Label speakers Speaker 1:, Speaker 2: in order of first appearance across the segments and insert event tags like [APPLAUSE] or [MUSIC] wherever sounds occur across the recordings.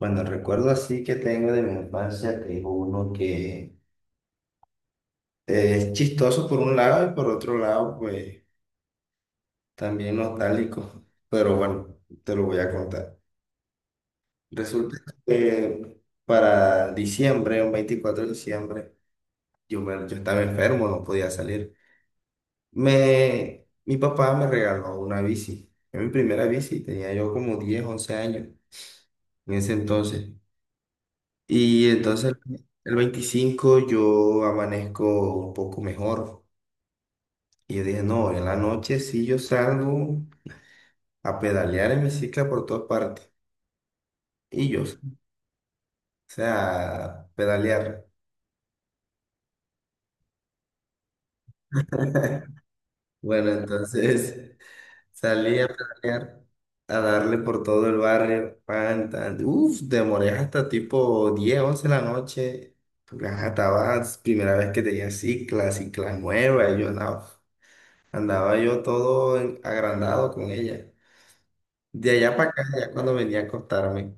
Speaker 1: Bueno, recuerdo así que tengo de mi infancia que es uno que es chistoso por un lado y por otro lado, pues también nostálgico. Pero bueno, te lo voy a contar. Resulta que para diciembre, un 24 de diciembre, yo estaba enfermo, no podía salir. Mi papá me regaló una bici. Era mi primera bici, tenía yo como 10 11 años en ese entonces. Y entonces el 25 yo amanezco un poco mejor. Y yo dije, no, en la noche sí yo salgo a pedalear en bicicleta por todas partes. Y yo, o sea, pedalear. Bueno, entonces [LAUGHS] salí a pedalear, a darle por todo el barrio. Pan, tan. Uf, demoré hasta tipo 10 11 de la noche. Porque ajá, estaba primera vez que tenía cicla nueva. Y yo, no. Andaba yo todo agrandado con ella. De allá para acá, ya cuando venía a acostarme,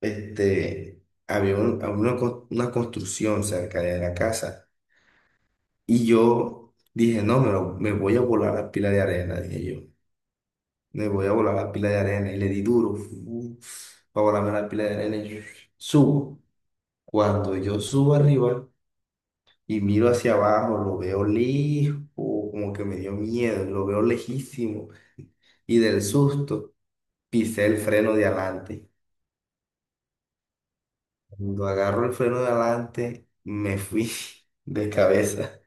Speaker 1: este, había una construcción cerca de la casa. Y yo dije, no, me voy a volar la pila de arena, dije yo. Me voy a volar la pila de arena. Y le di duro, para volarme la pila de arena. Y subo. Cuando yo subo arriba y miro hacia abajo, lo veo lejos, como que me dio miedo, lo veo lejísimo. Y del susto, pisé el freno de adelante. Cuando agarro el freno de adelante, me fui [LAUGHS] de cabeza.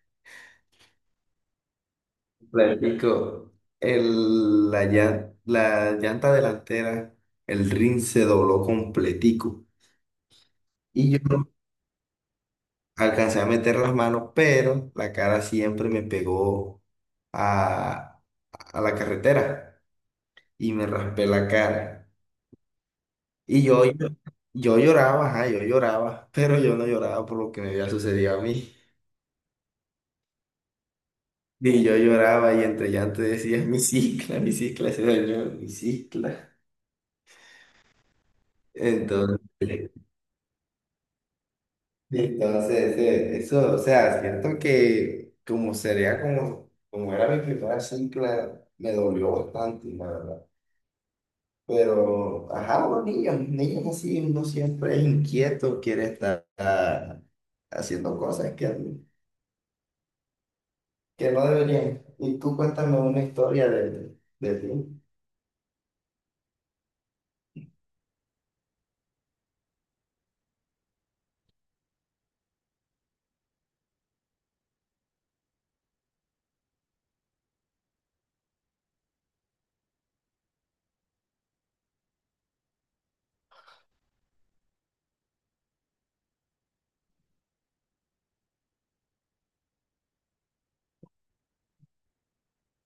Speaker 1: Platico, la llanta delantera, el rin se dobló completico. Y yo alcancé a meter las manos, pero la cara siempre me pegó a, a la carretera y me raspé la cara. Y yo lloraba, ajá, yo lloraba, [LAUGHS] pero yo no lloraba por lo que me había sucedido a mí. Y yo lloraba y entre llanto decía, mi cicla se dañó, mi cicla. Entonces, eso, o sea, siento que como sería como, como era mi primera cicla, me dolió bastante, la verdad. Pero, ajá, los niños, niños así, uno siempre es inquieto, quiere estar haciendo cosas que no deberían. Y tú cuéntame una historia de ti.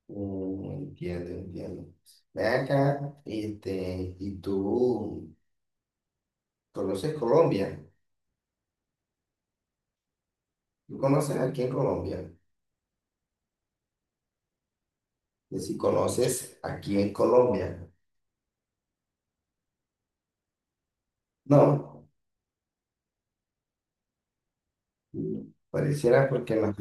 Speaker 1: Mm, entiendo, entiendo. Ve acá, este, y tú conoces Colombia. ¿Tú conoces aquí en Colombia? Y si conoces aquí en Colombia. No, pareciera porque no.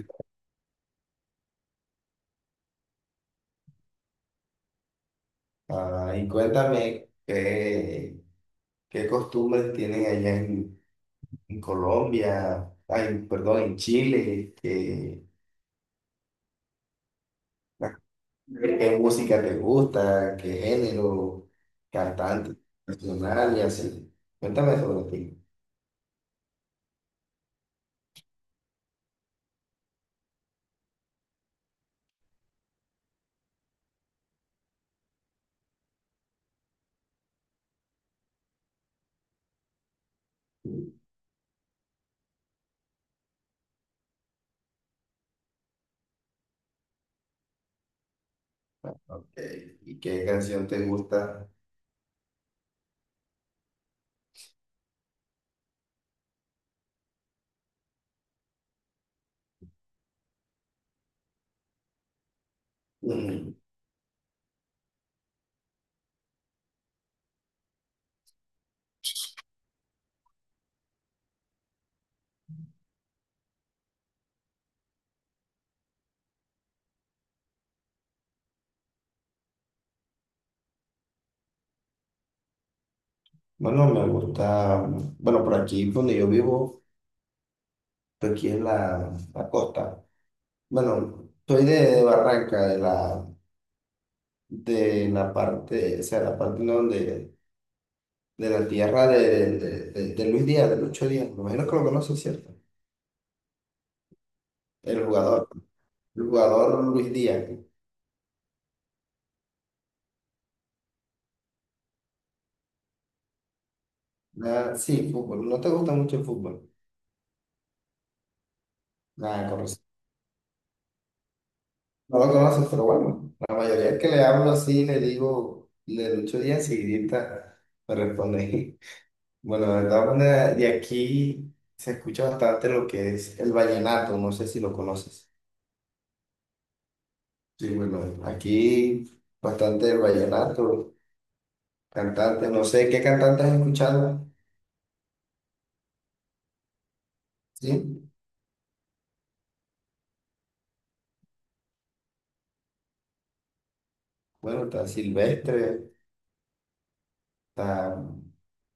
Speaker 1: Ah, y cuéntame qué costumbres tienen allá en Colombia, ay, perdón, en Chile, que, las. ¿Qué música te gusta? ¿Qué género? ¿Cantante? ¿Nacional y así? Cuéntame sobre ti. Ok. ¿y qué canción te gusta? Mm, Bueno, me gusta, bueno, por aquí donde yo vivo, por aquí es la costa. Bueno, soy de Barranca, de la parte, o sea, la parte donde, de la tierra de Luis Díaz, de Lucho Díaz. Me imagino que lo conoces, ¿cierto? El jugador, el jugador Luis Díaz. Ah, sí, fútbol. No te gusta mucho el fútbol. Nada, conoces. No lo conoces, pero bueno, la mayoría que le hablo así, le digo, le lucho día enseguidita, me responde. [LAUGHS] Bueno, la verdad, de aquí se escucha bastante lo que es el vallenato, no sé si lo conoces. Sí, bueno, aquí bastante el vallenato, cantante, no sé qué cantante has escuchado, ¿sí? Bueno, está Silvestre. Está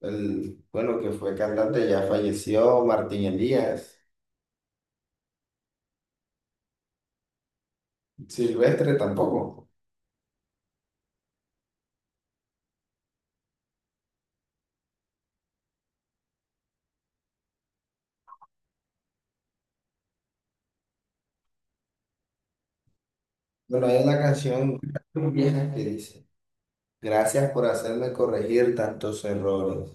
Speaker 1: el, bueno, que fue cantante, ya falleció, Martín Elías. Silvestre tampoco. Bueno, hay una canción vieja que dice, gracias por hacerme corregir tantos errores.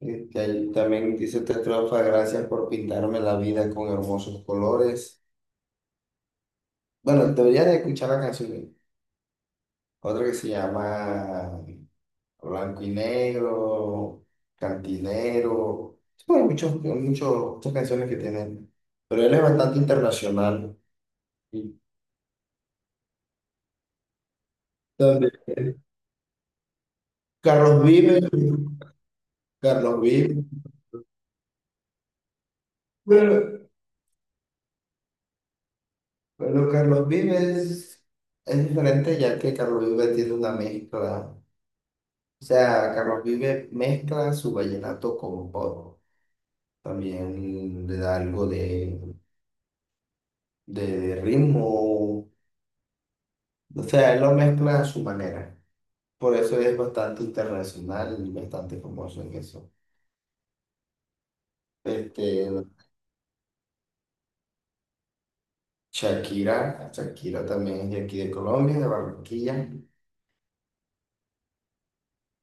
Speaker 1: Y ahí también dice otra estrofa, gracias por pintarme la vida con hermosos colores. Bueno, deberías de escuchar la canción. Otra que se llama Blanco y Negro, Cantinero. Bueno, muchas canciones que tienen. Pero él es bastante internacional. Y donde- Carlos Vives, Carlos Vives. Pero bueno, Carlos Vives es diferente ya que Carlos Vives tiene una mezcla. O sea, Carlos Vives mezcla su vallenato con pop. También le da algo de ritmo. O sea, él lo mezcla a su manera. Por eso es bastante internacional y bastante famoso en eso. Este, Shakira también es de aquí de Colombia, de Barranquilla.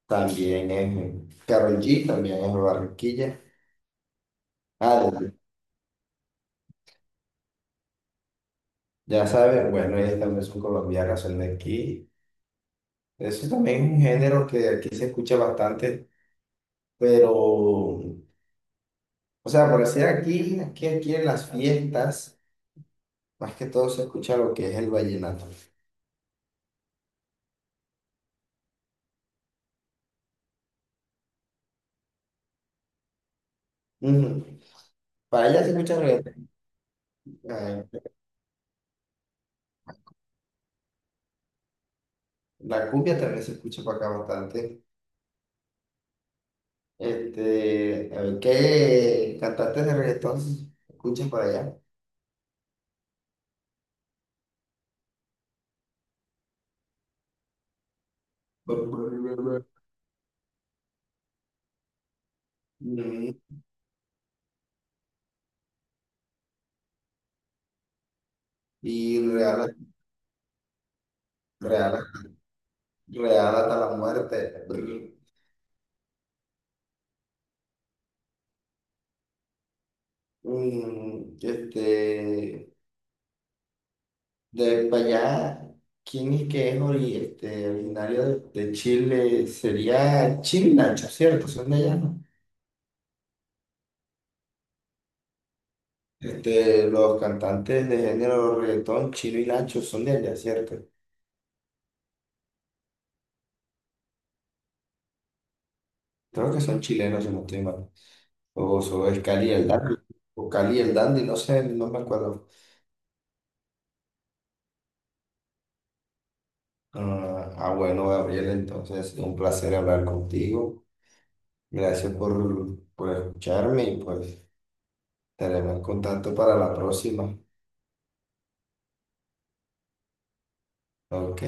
Speaker 1: También es Karol G, también es de Barranquilla. Ah, ya sabes, bueno, ellas también son colombianas, son de aquí. Eso también es un género que aquí se escucha bastante, pero, o sea, por decir aquí en las fiestas, más que todo se escucha lo que es el vallenato. Ujú. Para allá se escucha reggaetón. La cumbia también se escucha por acá bastante. Este, a ver, ¿qué cantantes de reggaetón escuchas por allá? Mm. Y real, real hasta la muerte. Mm. Este, de para allá, ¿quién es que es originario de Chile? Sería Chino y Nacho, ¿cierto? Son de allá, ¿no? Este, los cantantes de género reggaetón, Chino y Nacho, son de allá, ¿cierto? Creo que son chilenos, si no estoy mal. O es Cali y el Dandy. O Cali y el Dandy, no sé, no me acuerdo. Bueno, Gabriel, entonces, un placer hablar contigo. Gracias por escucharme y pues estaremos en contacto para la próxima. Ok.